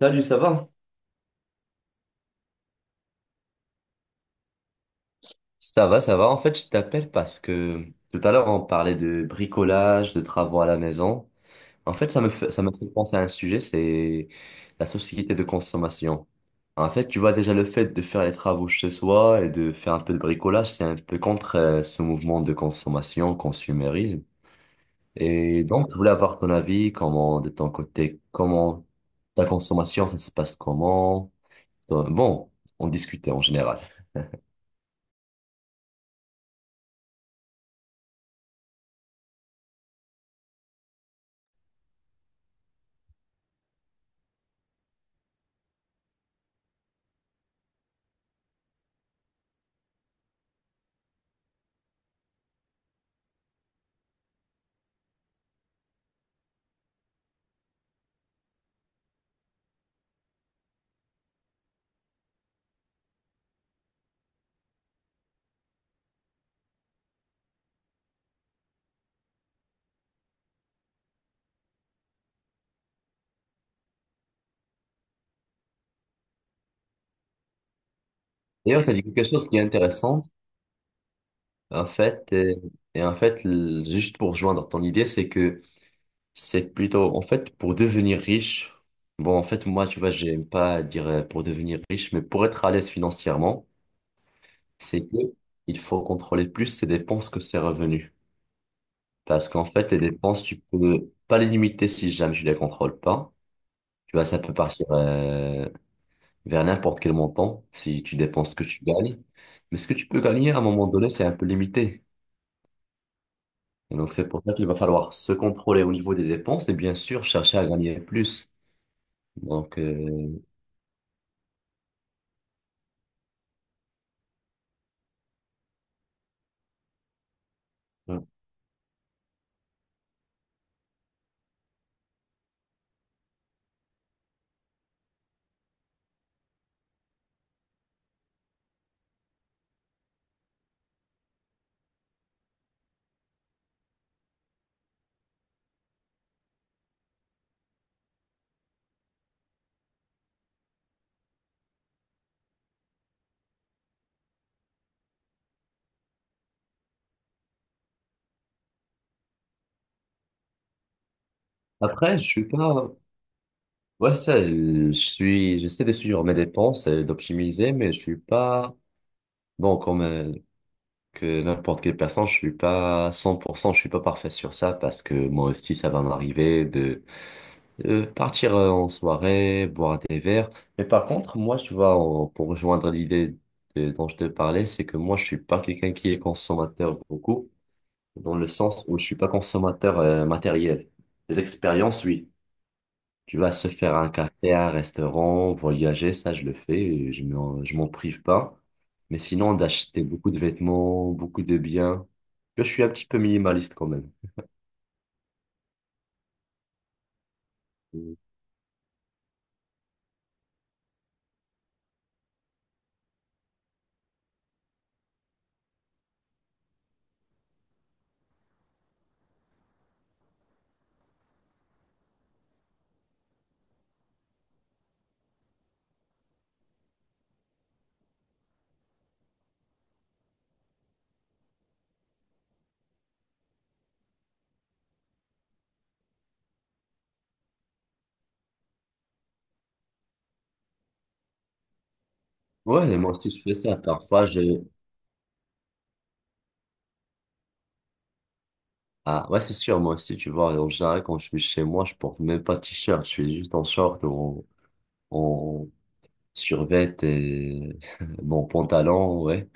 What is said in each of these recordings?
Salut, ça va? Ça va, ça va. En fait, je t'appelle parce que tout à l'heure, on parlait de bricolage, de travaux à la maison. En fait, ça me fait penser à un sujet, c'est la société de consommation. En fait, tu vois déjà le fait de faire les travaux chez soi et de faire un peu de bricolage, c'est un peu contre ce mouvement de consommation, consumérisme. Et donc, je voulais avoir ton avis, comment, de ton côté, comment ta consommation, ça se passe comment? Bon, on discutait en général. D'ailleurs, tu as dit quelque chose qui est intéressant. En fait, et en fait, juste pour rejoindre ton idée, c'est que c'est plutôt, en fait, pour devenir riche. Bon, en fait, moi, tu vois, j'aime pas dire pour devenir riche, mais pour être à l'aise financièrement, c'est que il faut contrôler plus ses dépenses que ses revenus. Parce qu'en fait, les dépenses, tu peux pas les limiter si jamais tu les contrôles pas. Tu vois, ça peut partir vers n'importe quel montant si tu dépenses ce que tu gagnes. Mais ce que tu peux gagner à un moment donné, c'est un peu limité. Et donc, c'est pour ça qu'il va falloir se contrôler au niveau des dépenses et bien sûr chercher à gagner plus. Donc, après, je suis pas, ouais, ça, je suis, j'essaie de suivre mes dépenses et d'optimiser, mais je suis pas, bon, comme que n'importe quelle personne, je suis pas 100%, je suis pas parfait sur ça parce que moi aussi, ça va m'arriver de partir en soirée, boire des verres. Mais par contre, moi, tu vois, pour rejoindre l'idée dont je te parlais, c'est que moi, je suis pas quelqu'un qui est consommateur beaucoup. Dans le sens où je suis pas consommateur matériel. Les expériences, oui. Tu vas se faire un café, un restaurant, voyager, ça je le fais, et je m'en prive pas. Mais sinon, d'acheter beaucoup de vêtements, beaucoup de biens, je suis un petit peu minimaliste quand même. Mm. Ouais, et moi aussi je fais ça. Parfois, je... Ah, ouais, c'est sûr, moi aussi, tu vois, en général, quand je suis chez moi, je porte même pas de t-shirt, je suis juste en short ou en survêt et mon pantalon, ouais.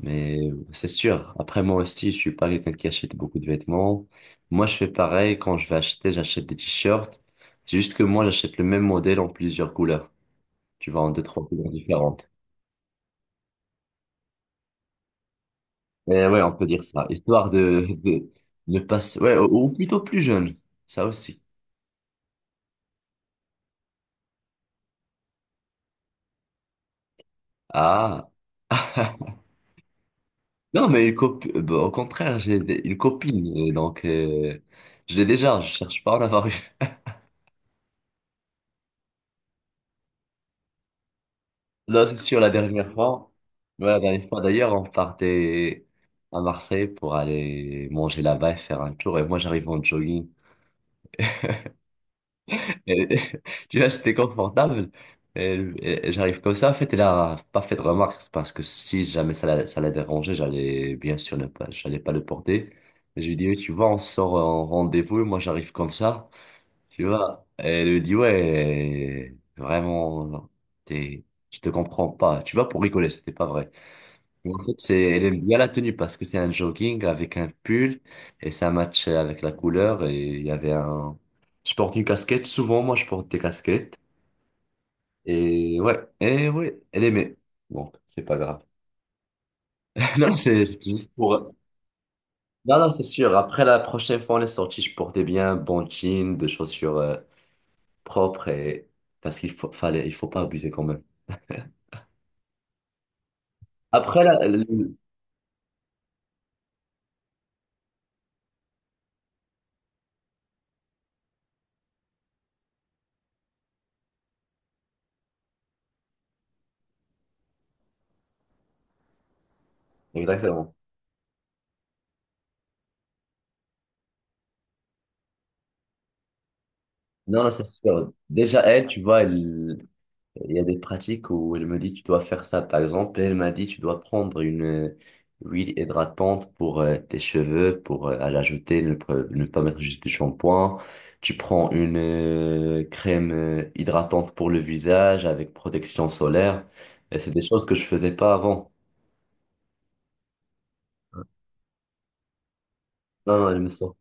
Mais c'est sûr. Après, moi aussi, je suis pas quelqu'un qui achète beaucoup de vêtements. Moi, je fais pareil. Quand je vais acheter, j'achète des t-shirts. C'est juste que moi, j'achète le même modèle en plusieurs couleurs. Tu vois, en deux, trois couleurs différentes. Et ouais, on peut dire ça. Histoire de passer, ouais, ou plutôt plus jeune. Ça aussi. Ah. Non, mais bah, au contraire, j'ai une copine. Et donc, je l'ai déjà. Je cherche pas à en avoir. Là, c'est sûr, la dernière fois, ouais, la dernière fois d'ailleurs, on partait à Marseille pour aller manger là-bas et faire un tour. Et moi, j'arrive en jogging. Et- tu vois, c'était confortable. Et, et j'arrive comme ça. En fait, elle a pas fait de remarque, c'est parce que si jamais ça la dérangeait, j'allais bien sûr ne pas, j'allais pas le porter. Et je lui dis, oui, tu vois, on sort en rendez-vous et moi, j'arrive comme ça. Tu vois, et elle lui dit, ouais, vraiment, t'es, je te comprends pas. Tu vois, pour rigoler, c'était pas vrai. Et en fait, c'est, elle aime bien la tenue parce que c'est un jogging avec un pull et ça match avec la couleur et il y avait un, je porte une casquette. Souvent, moi, je porte des casquettes et ouais, elle aimait. Donc, c'est pas grave. Non, c'est juste pour, non, non, c'est sûr. Après la prochaine fois, on est sorti, je portais bien un bon jean, des chaussures propres et parce qu'il faut, fallait, il faut pas abuser quand même. Après la, le- Exactement. Non, non, c'est sûr. Déjà, elle, tu vois, elle, il y a des pratiques où elle me dit tu dois faire ça. Par exemple, elle m'a dit tu dois prendre une huile hydratante pour tes cheveux, pour à l'ajouter, ne pas mettre juste du shampoing. Tu prends une crème hydratante pour le visage avec protection solaire. Et c'est des choses que je faisais pas avant. Non, non, elle me sort.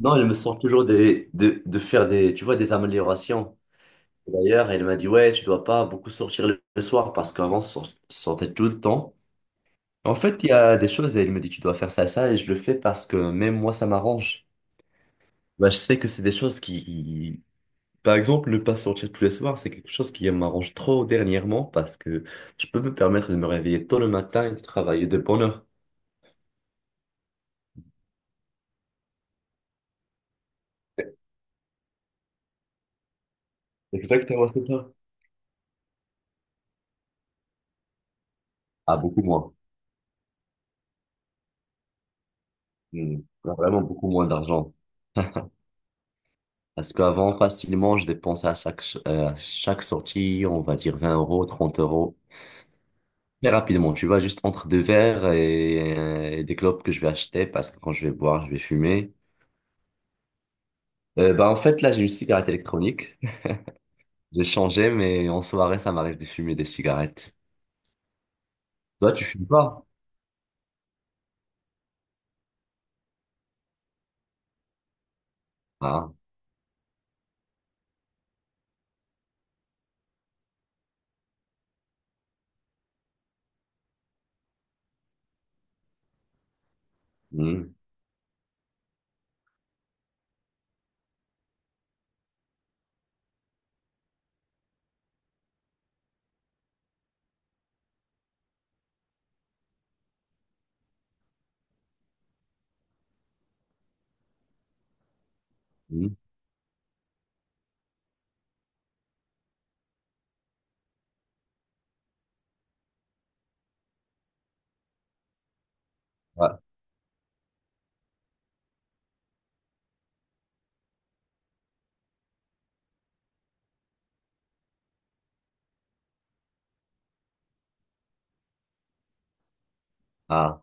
Non, elle me sort toujours des, de faire des, tu vois, des améliorations. D'ailleurs, elle m'a dit, ouais, tu dois pas beaucoup sortir le soir parce qu'avant, sortais tout le temps. En fait, il y a des choses et il me dit tu dois faire ça, ça, et je le fais parce que même moi, ça m'arrange. Bah, je sais que c'est des choses qui, par exemple, ne pas sortir tous les soirs, c'est quelque chose qui m'arrange trop dernièrement parce que je peux me permettre de me réveiller tôt le matin et de travailler de bonne heure. Exactement, c'est ça. Ah, beaucoup moins. Hmm. Ah, vraiment beaucoup moins d'argent. Parce qu'avant, facilement, je dépensais à chaque sortie, on va dire 20 euros, 30 euros. Très rapidement, tu vois, juste entre deux verres et des clopes que je vais acheter parce que quand je vais boire, je vais fumer. Bah, en fait, là, j'ai une cigarette électronique. J'ai changé, mais en soirée, ça m'arrive de fumer des cigarettes. Toi, tu fumes pas? Ah, hmm, hmm, ah, ah.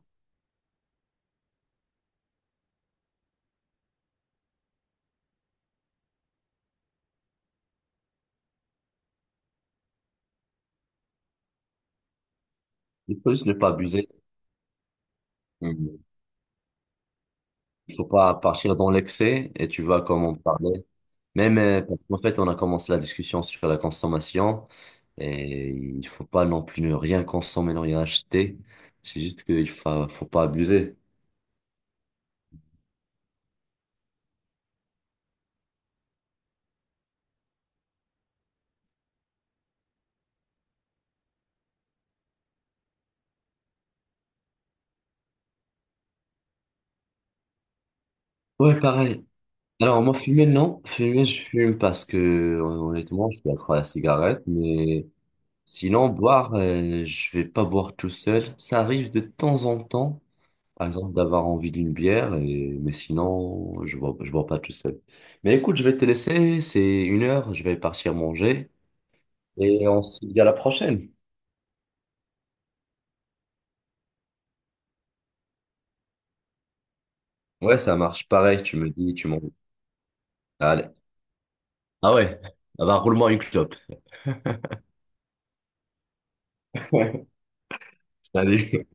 Il faut juste ne pas abuser. Hmm. Il faut pas partir dans l'excès et tu vois comment on parlait. Même parce qu'en fait, on a commencé la discussion sur la consommation et il faut pas non plus ne rien consommer, ne rien acheter. C'est juste qu'faut pas abuser. Ouais, pareil. Alors, moi, fumer, non. Fumer, je fume parce que, honnêtement, je suis accro à la cigarette, mais sinon, boire, je vais pas boire tout seul. Ça arrive de temps en temps, par exemple, d'avoir envie d'une bière, et... mais sinon, je bois pas tout seul. Mais écoute, je vais te laisser, c'est une heure, je vais partir manger, et on se dit à la prochaine. Ouais, ça marche. Pareil, tu me dis, tu m'en... Allez. Ah ouais, ah bah, roule-moi une clope. Salut.